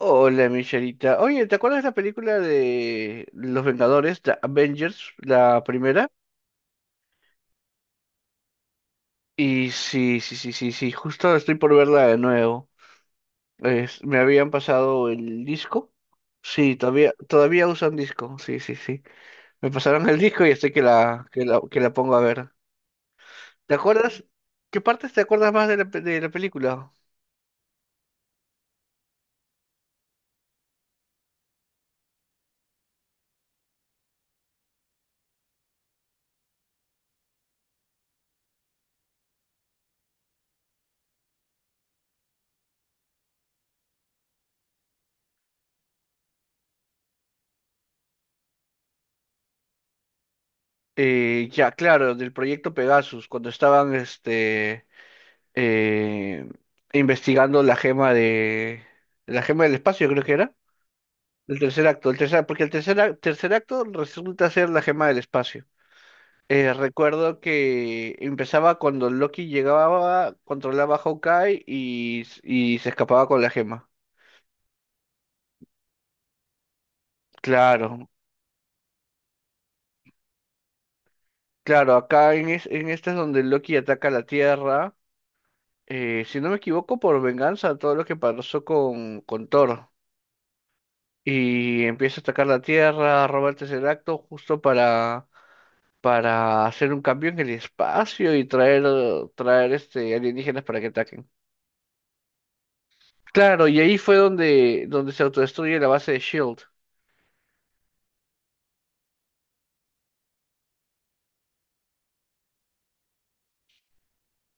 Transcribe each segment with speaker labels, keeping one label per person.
Speaker 1: Hola, Michelita. Oye, ¿te acuerdas de la película de Los Vengadores, The Avengers, la primera? Y sí, sí, sí, sí, sí, justo estoy por verla de nuevo. Me habían pasado el disco. Sí, todavía usan disco. Sí, sí, sí. Me pasaron el disco y estoy que la pongo a ver. ¿Te acuerdas? ¿Qué partes te acuerdas más de la película? Ya, claro, del proyecto Pegasus, cuando estaban eh, investigando la gema del espacio, creo que era. El tercer acto, el tercer, porque el tercer acto resulta ser la gema del espacio. Recuerdo que empezaba cuando Loki llegaba, controlaba a Hawkeye y se escapaba con la gema. Claro, claro, acá en esta es donde Loki ataca la Tierra, si no me equivoco, por venganza a todo lo que pasó con Thor. Y empieza a atacar la Tierra, roba el Tesseracto justo para hacer un cambio en el espacio y traer alienígenas para que ataquen. Claro, y ahí fue donde se autodestruye la base de Shield.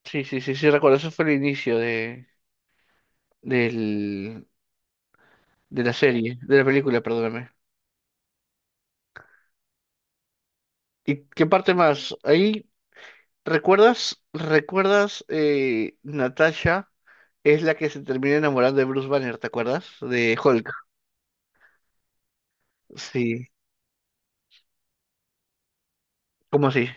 Speaker 1: Sí, sí, sí, sí, recuerdo, eso fue el inicio de, del, de la serie, de la película, perdóname. ¿Y qué parte más? Ahí, ¿Recuerdas Natasha? Es la que se termina enamorando de Bruce Banner, ¿te acuerdas? De Hulk. Sí. ¿Cómo así?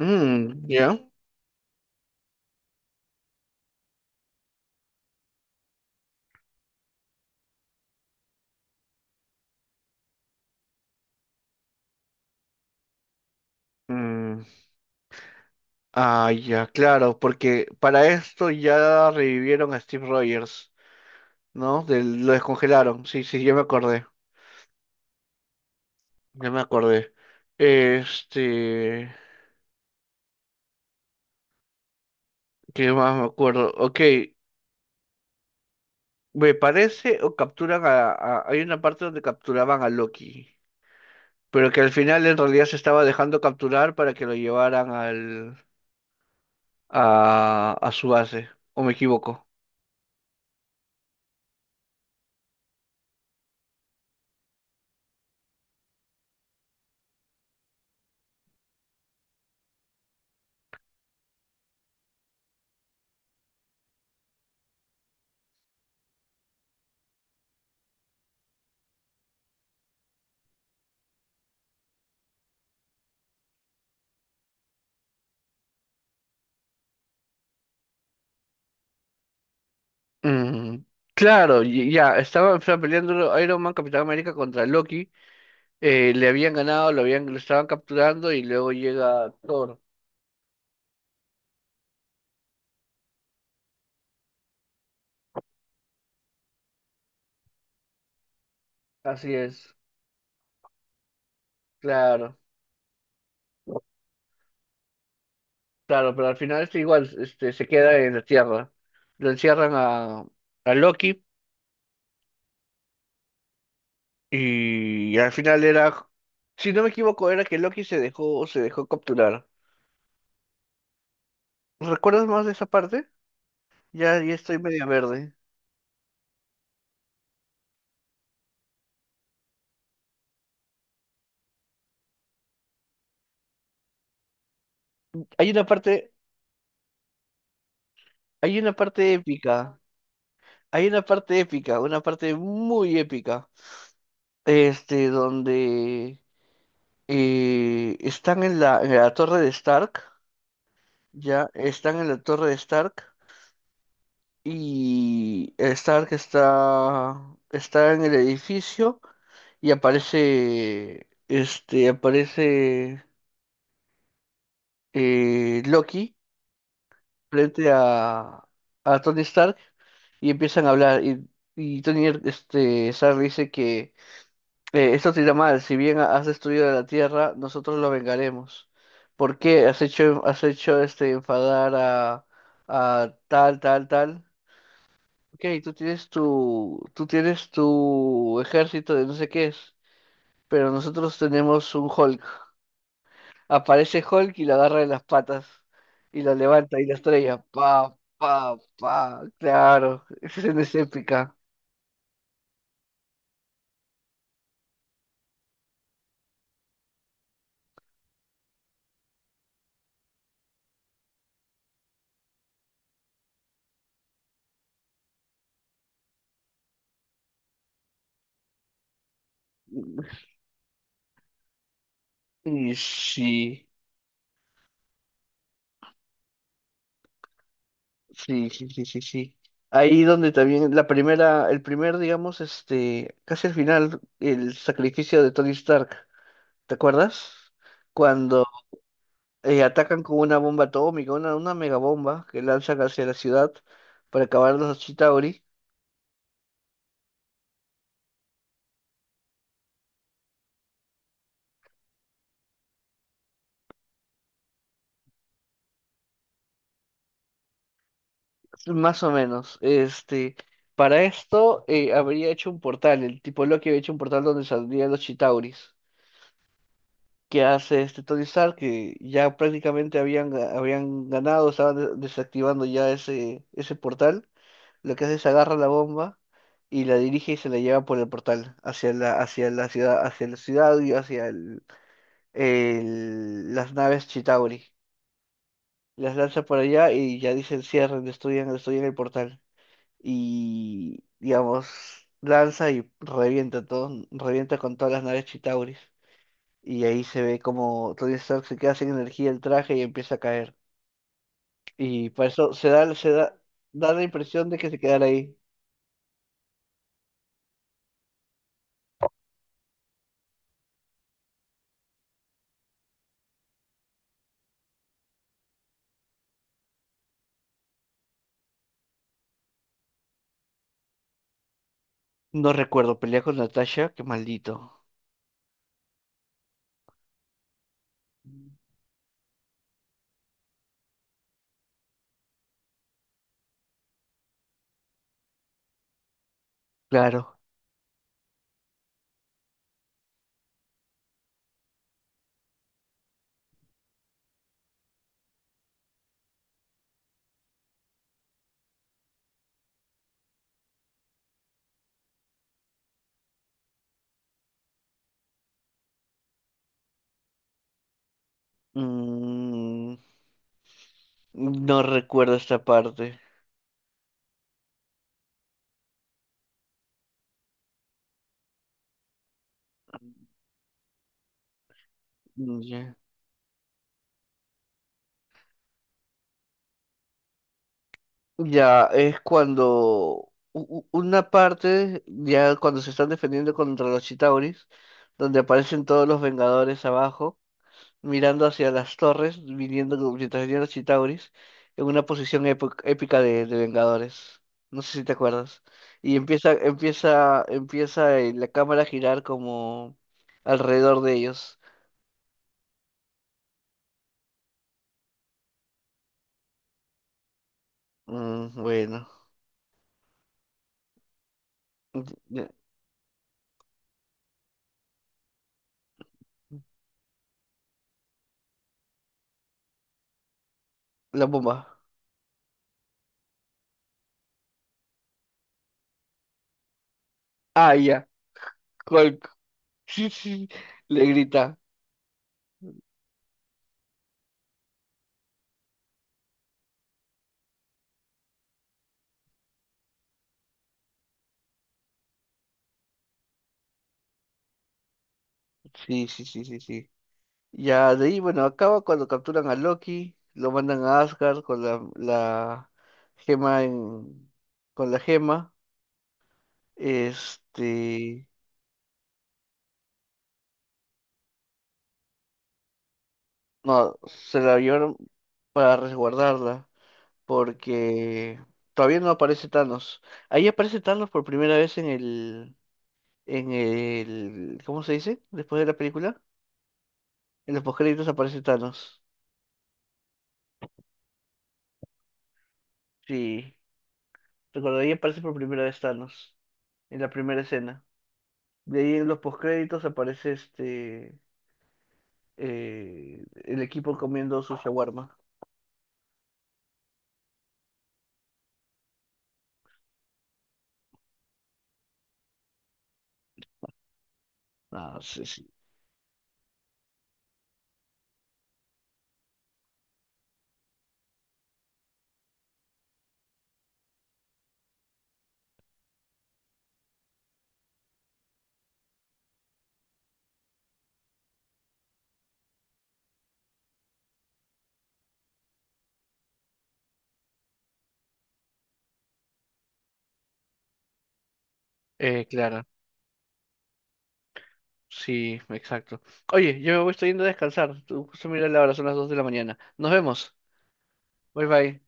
Speaker 1: Mm, ya. Mm, ah, ya, claro, porque para esto ya revivieron a Steve Rogers, ¿no? Lo descongelaron. Sí, sí, ya me acordé. Ya me acordé. Este, ¿Qué más me acuerdo? Ok, me parece o capturan a- hay una parte donde capturaban a Loki, pero que al final en realidad se estaba dejando capturar para que lo llevaran a su base, ¿o me equivoco? Mm, claro, ya, estaba peleando Iron Man, Capitán América contra Loki, le habían ganado, lo estaban capturando y luego llega Thor. Así es, claro, claro, pero al final igual, se queda en la Tierra. Lo encierran a Loki y al final era, si no me equivoco, era que Loki se dejó capturar. ¿Recuerdas más de esa parte? Ya, ya estoy media verde. Hay una parte, hay una parte épica. Hay una parte épica, una parte muy épica, donde están en la torre de Stark, ya, están en la torre de Stark y Stark está en el edificio y aparece Loki frente a Tony Stark y empiezan a hablar y Tony Stark dice que esto te irá mal, si bien has destruido la tierra, nosotros lo vengaremos. ¿Por qué has hecho enfadar a tal, tal, tal? Ok, tú tienes tu ejército de no sé qué es, pero nosotros tenemos un Hulk. Aparece Hulk y lo agarra de las patas y lo levanta y la estrella. Pa, pa, pa, claro, esa escena es épica. Y sí. Sí, sí, sí, sí, sí. Ahí donde también el primer, digamos, casi al final, el sacrificio de Tony Stark, ¿te acuerdas? Cuando atacan con una bomba atómica, una megabomba que lanzan hacia la ciudad para acabar los Chitauri, más o menos. Para esto habría hecho un portal, el tipo Loki había hecho un portal donde saldrían los Chitauris. Que hace este Tony Stark, que ya prácticamente habían ganado, estaban desactivando ya ese portal, lo que hace es agarra la bomba y la dirige y se la lleva por el portal hacia la ciudad y hacia las naves Chitauri. Las lanza por allá y ya dicen cierren, destruyan, destruyan el portal. Y digamos, lanza y revienta todo, revienta con todas las naves Chitauris. Y ahí se ve como Tony Stark se queda sin energía el traje y empieza a caer. Y para eso da la impresión de que se quedará ahí. No recuerdo, pelea con Natasha, qué maldito. Claro. Mm, no recuerdo esta parte. Mm, ya. Ya, es cuando ya cuando se están defendiendo contra los Chitauris, donde aparecen todos los Vengadores abajo, mirando hacia las torres, viniendo mientras venían los Chitauris, en una posición épica de Vengadores. No sé si te acuerdas. Y empieza la cámara a girar como alrededor de ellos. Mm, bueno. Ya, la bomba. Ah, ya. Hulk. Sí, sí. Le grita. Sí, sí, sí, sí, sí. Ya de ahí, bueno, acaba cuando capturan a Loki, lo mandan a Asgard gema en, con la gema. Este, no, se la llevaron para resguardarla porque todavía no aparece Thanos. Ahí aparece Thanos por primera vez en el, ¿cómo se dice? Después de la película, en los postcréditos aparece Thanos. Sí, recuerdo, ahí aparece por primera vez Thanos en la primera escena. De ahí en los postcréditos aparece el equipo comiendo su shawarma. Ah, sí, sí. Claro. Sí, exacto. Oye, yo me voy estoy yendo a descansar. Tú justo mira la hora, son las 2 de la mañana. Nos vemos. Bye bye.